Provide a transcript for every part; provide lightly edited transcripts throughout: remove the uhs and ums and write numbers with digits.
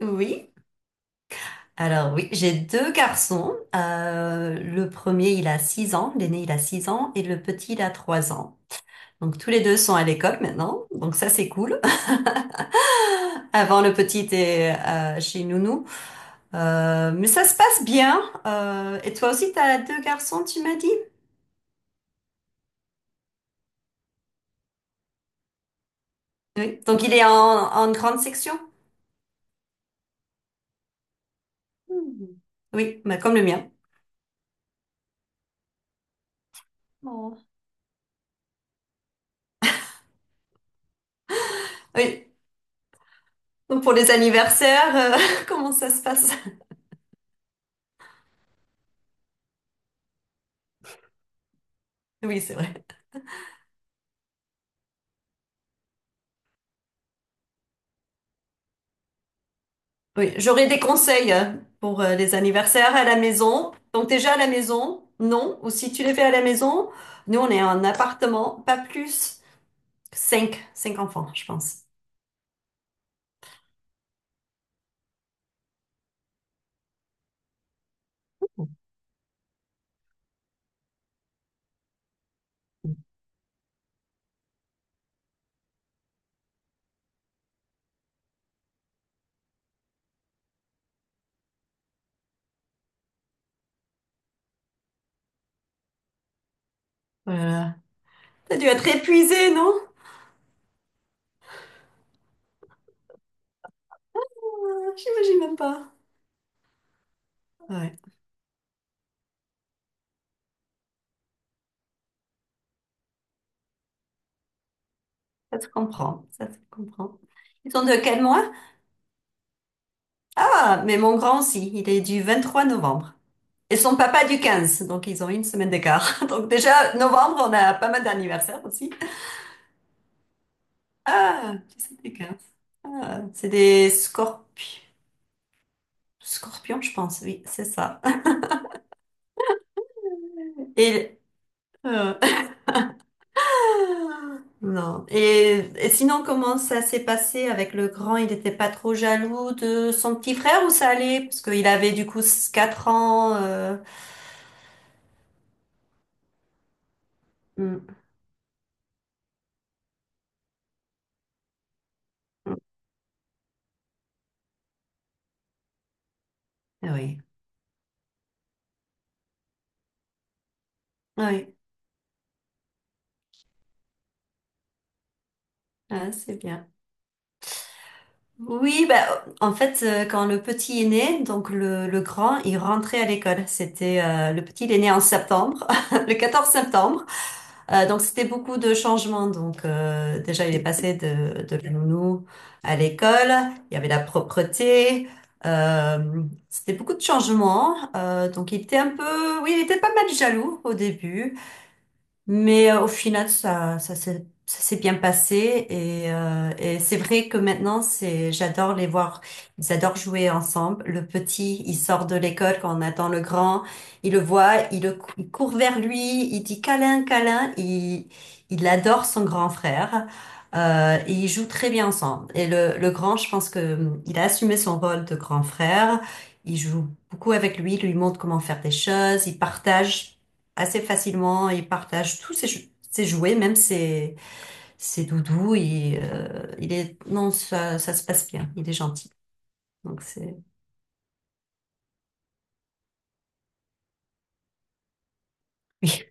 Oui, alors oui, j'ai deux garçons. Le premier, il a 6 ans, l'aîné, il a 6 ans, et le petit, il a 3 ans. Donc tous les deux sont à l'école maintenant, donc ça c'est cool. Avant, le petit était chez Nounou. Mais ça se passe bien. Et toi aussi, t'as deux garçons, tu m'as dit? Oui. Donc il est en grande section? Oui, bah, comme le mien. Oui. Donc pour les anniversaires, comment ça se passe? Oui, c'est vrai. Oui, j'aurais des conseils hein, pour les anniversaires à la maison. Donc déjà à la maison, non. Ou si tu les fais à la maison, nous on est en appartement, pas plus. Cinq enfants, je pense. Voilà. T'as dû être épuisé, non? Ah, j'imagine même pas. Ouais, ça se comprend. Ils sont de quel mois? Ah, mais mon grand aussi, il est du 23 novembre. Et son papa du 15, donc ils ont une semaine d'écart. Donc déjà, novembre, on a pas mal d'anniversaires aussi. Ah, tu sais, c'est des scorpions. Scorpions, je pense, oui, c'est ça. Et, euh, non. Et sinon, comment ça s'est passé avec le grand? Il n'était pas trop jaloux de son petit frère ou ça allait? Parce qu'il avait du coup 4 ans. Mm, mm, Ah oui. Ah oui. Ah, c'est bien. Oui, bah, en fait, quand le petit est né, donc le grand, il rentrait à l'école. C'était le petit, il est né en septembre, le 14 septembre. Donc c'était beaucoup de changements. Donc déjà, il est passé de la nounou à l'école. Il y avait la propreté. Euh, c'était beaucoup de changements. Donc il était un peu, oui, il était pas mal jaloux au début. Mais au final, ça, ça s'est bien passé et c'est vrai que maintenant, c'est, j'adore les voir. Ils adorent jouer ensemble. Le petit, il sort de l'école quand on attend le grand. Il le voit, il, il court vers lui, il dit câlin, câlin. Il adore son grand frère. Et ils jouent très bien ensemble. Et le grand, je pense que il a assumé son rôle de grand frère. Il joue beaucoup avec lui, il lui montre comment faire des choses, il partage assez facilement. Il partage tous ses, ses jouets, même ses, ses doudous. Il est, non, ça se passe bien. Il est gentil. Donc c'est, oui,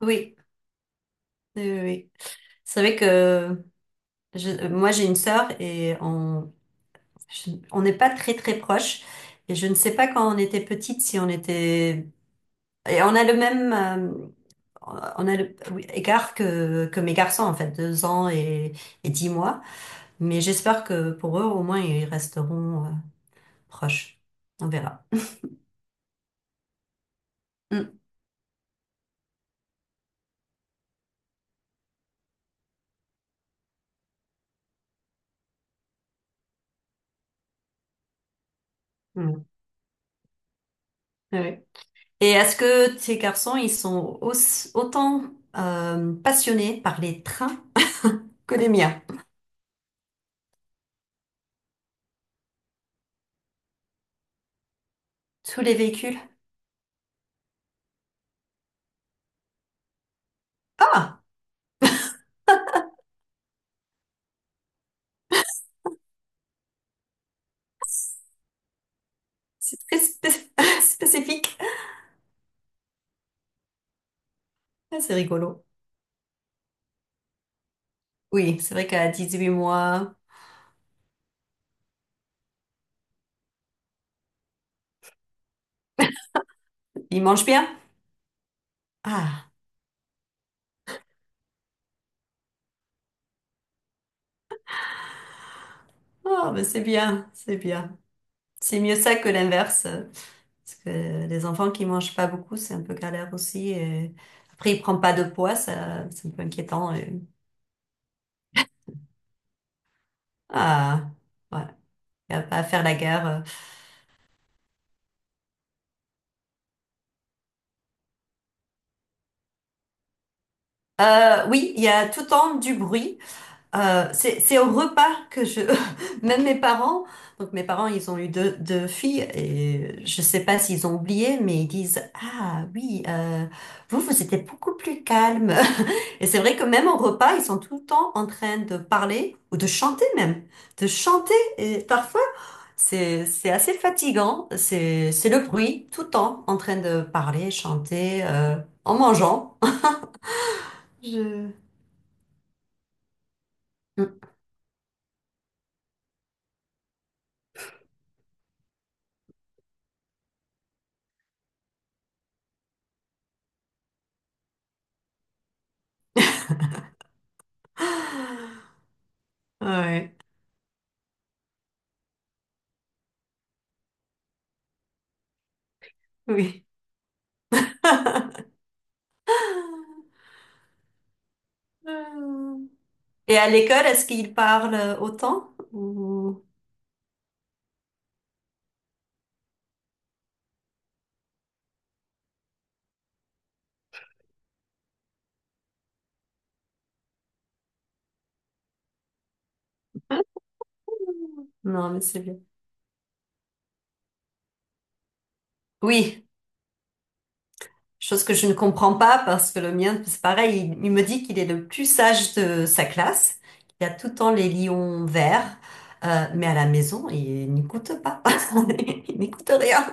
oui, oui, oui. C'est vrai que moi j'ai une sœur et on, on n'est pas très très proches. Et je ne sais pas quand on était petite si on était, et on a le même, on a le, oui, écart que mes garçons en fait, deux ans et dix mois. Mais j'espère que pour eux, au moins, ils resteront proche. On verra. Mm. Mm. Ouais. Et est-ce que tes garçons, ils sont autant passionnés par les trains que les miens? Tous les véhicules? Ah, c'est spécifique. Ah, c'est rigolo. Oui, c'est vrai qu'à 18 mois, ils mangent bien. Ah, oh, mais c'est bien, c'est bien. C'est mieux ça que l'inverse. Parce que les enfants qui mangent pas beaucoup, c'est un peu galère aussi. Et après, ils prennent pas de poids, ça, c'est un peu inquiétant. Et- Ah, ouais. Il n'y a pas à faire la guerre. Oui, il y a tout le temps du bruit. C'est au repas que je, même mes parents, donc mes parents, ils ont eu deux filles et je sais pas s'ils ont oublié, mais ils disent, ah oui, vous, vous étiez beaucoup plus calme. Et c'est vrai que même au repas, ils sont tout le temps en train de parler ou de chanter même, de chanter et parfois, c'est assez fatigant, c'est le bruit tout le temps en train de parler, chanter, en mangeant. Je... Ouais, oui. Et à l'école, est-ce qu'ils parlent autant? Ou- Non, mais c'est bien. Oui, chose que je ne comprends pas parce que le mien, c'est pareil, il me dit qu'il est le plus sage de sa classe, qu'il a tout le temps les lions verts, mais à la maison, il n'écoute pas. Il n'écoute rien.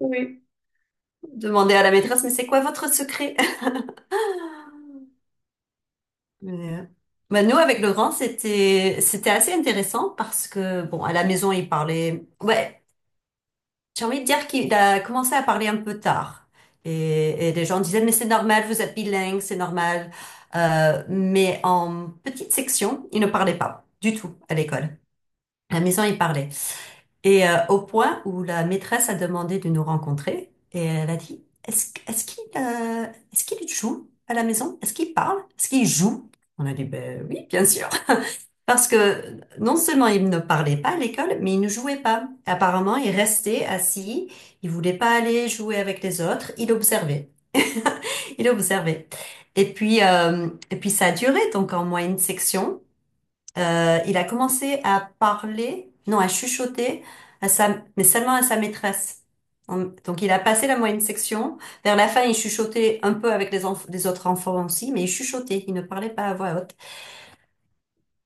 Oui. Demandez à la maîtresse, mais c'est quoi votre secret? Mais, euh, bah, nous, avec le grand, c'était assez intéressant parce que, bon, à la maison, il parlait. Ouais, j'ai envie de dire qu'il a commencé à parler un peu tard. Et les gens disaient, mais c'est normal, vous êtes bilingue, c'est normal. Mais en petite section, il ne parlait pas du tout à l'école. À la maison, il parlait. Et au point où la maîtresse a demandé de nous rencontrer, et elle a dit, est-ce qu'il est-ce qu'il joue à la maison? Est-ce qu'il parle? Est-ce qu'il joue? On a dit, ben oui, bien sûr. Parce que non seulement il ne parlait pas à l'école, mais il ne jouait pas. Apparemment, il restait assis, il voulait pas aller jouer avec les autres, il observait. Il observait. Et puis ça a duré, donc en moyenne section, il a commencé à parler, non, à chuchoter, à sa, mais seulement à sa maîtresse. Donc il a passé la moyenne section. Vers la fin, il chuchotait un peu avec les, les autres enfants aussi, mais il chuchotait, il ne parlait pas à voix haute.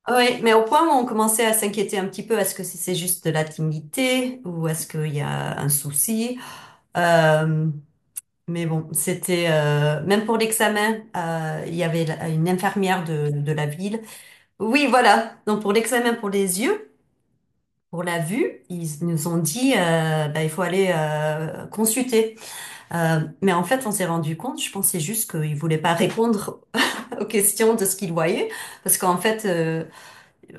Oui, mais au point où on commençait à s'inquiéter un petit peu, est-ce que si c'est juste de la timidité ou est-ce qu'il y a un souci? Euh, mais bon, c'était même pour l'examen, il y avait une infirmière de la ville. Oui, voilà. Donc pour l'examen pour les yeux, pour la vue, ils nous ont dit bah, il faut aller consulter. Mais en fait, on s'est rendu compte, je pensais juste qu'ils voulaient pas répondre aux questions de ce qu'ils voyaient, parce qu'en fait.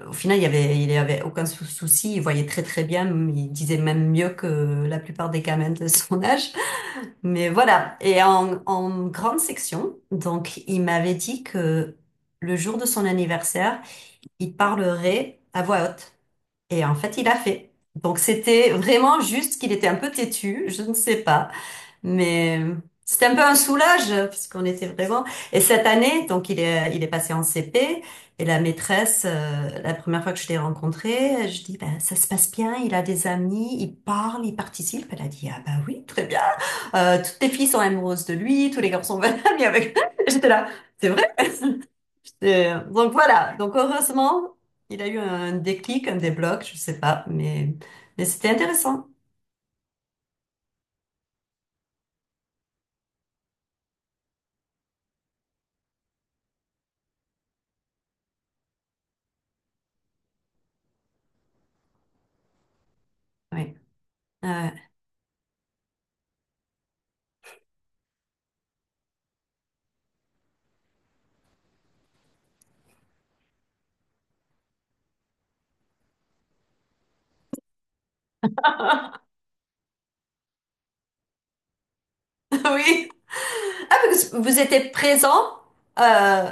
Au final, il y avait aucun souci, il voyait très très bien, il disait même mieux que la plupart des gamins de son âge. Mais voilà. Et en grande section, donc il m'avait dit que le jour de son anniversaire, il parlerait à voix haute. Et en fait, il a fait. Donc c'était vraiment juste qu'il était un peu têtu, je ne sais pas. Mais c'était un peu un soulage parce qu'on était vraiment. Et cette année, donc il est passé en CP et la maîtresse, la première fois que je l'ai rencontré, je dis ben ça se passe bien, il a des amis, il parle, il participe. Elle a dit ah bah oui très bien. Toutes les filles sont amoureuses de lui, tous les garçons veulent aller avec. J'étais là, c'est vrai. J'étais- Donc voilà. Donc heureusement, il a eu un déclic, un débloc, je sais pas, mais c'était intéressant. Oui. Euh, Oui. Ah, parce que vous étiez présent. Euh,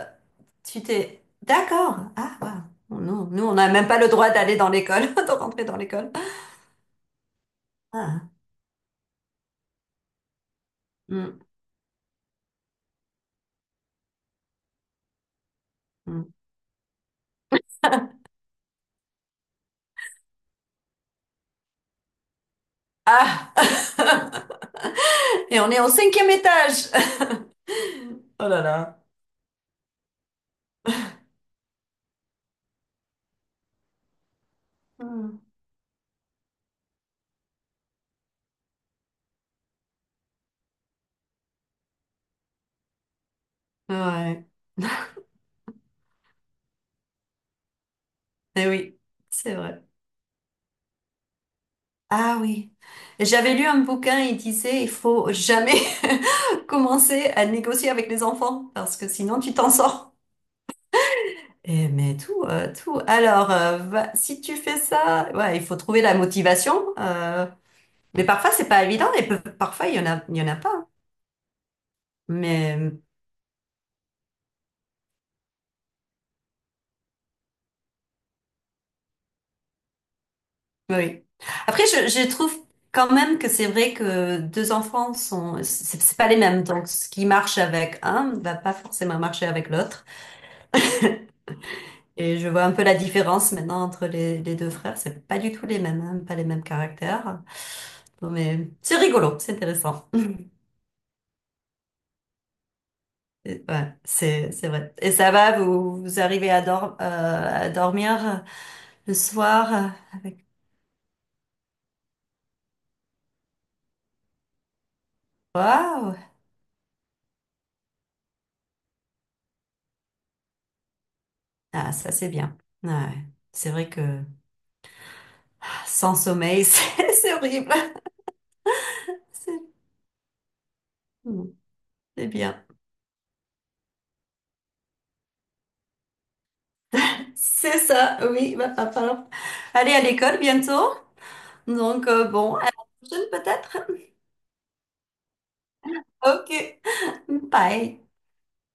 tu t'es... D'accord. Ah, waouh. Non, nous, on n'a même pas le droit d'aller dans l'école, de rentrer dans l'école. Ah. Mm, mm. Ah. Et on est au cinquième étage. Oh là là. Mm. Ouais. Eh oui, c'est vrai. Ah oui. J'avais lu un bouquin, il disait, il faut jamais commencer à négocier avec les enfants, parce que sinon tu t'en sors. Eh, mais tout, tout. Alors, si tu fais ça, ouais, il faut trouver la motivation. Mais parfois, c'est pas évident et parfois, il y en a, il y en a pas. Mais oui. Après, je trouve quand même que c'est vrai que deux enfants sont, c'est pas les mêmes. Donc, ce qui marche avec un ne va pas forcément marcher avec l'autre. Et je vois un peu la différence maintenant entre les deux frères. C'est pas du tout les mêmes, hein, pas les mêmes caractères. Bon, mais c'est rigolo, c'est intéressant. Et- Ouais, c'est vrai. Et ça va, vous arrivez à, à dormir le soir avec Waouh! Ah, ça c'est bien. Ouais. C'est vrai que ah, sans sommeil, c'est horrible. C'est hmm, c'est bien. C'est ça, oui. Bah, va falloir aller à l'école bientôt. Donc bon, à la prochaine peut-être. Ok. Bye.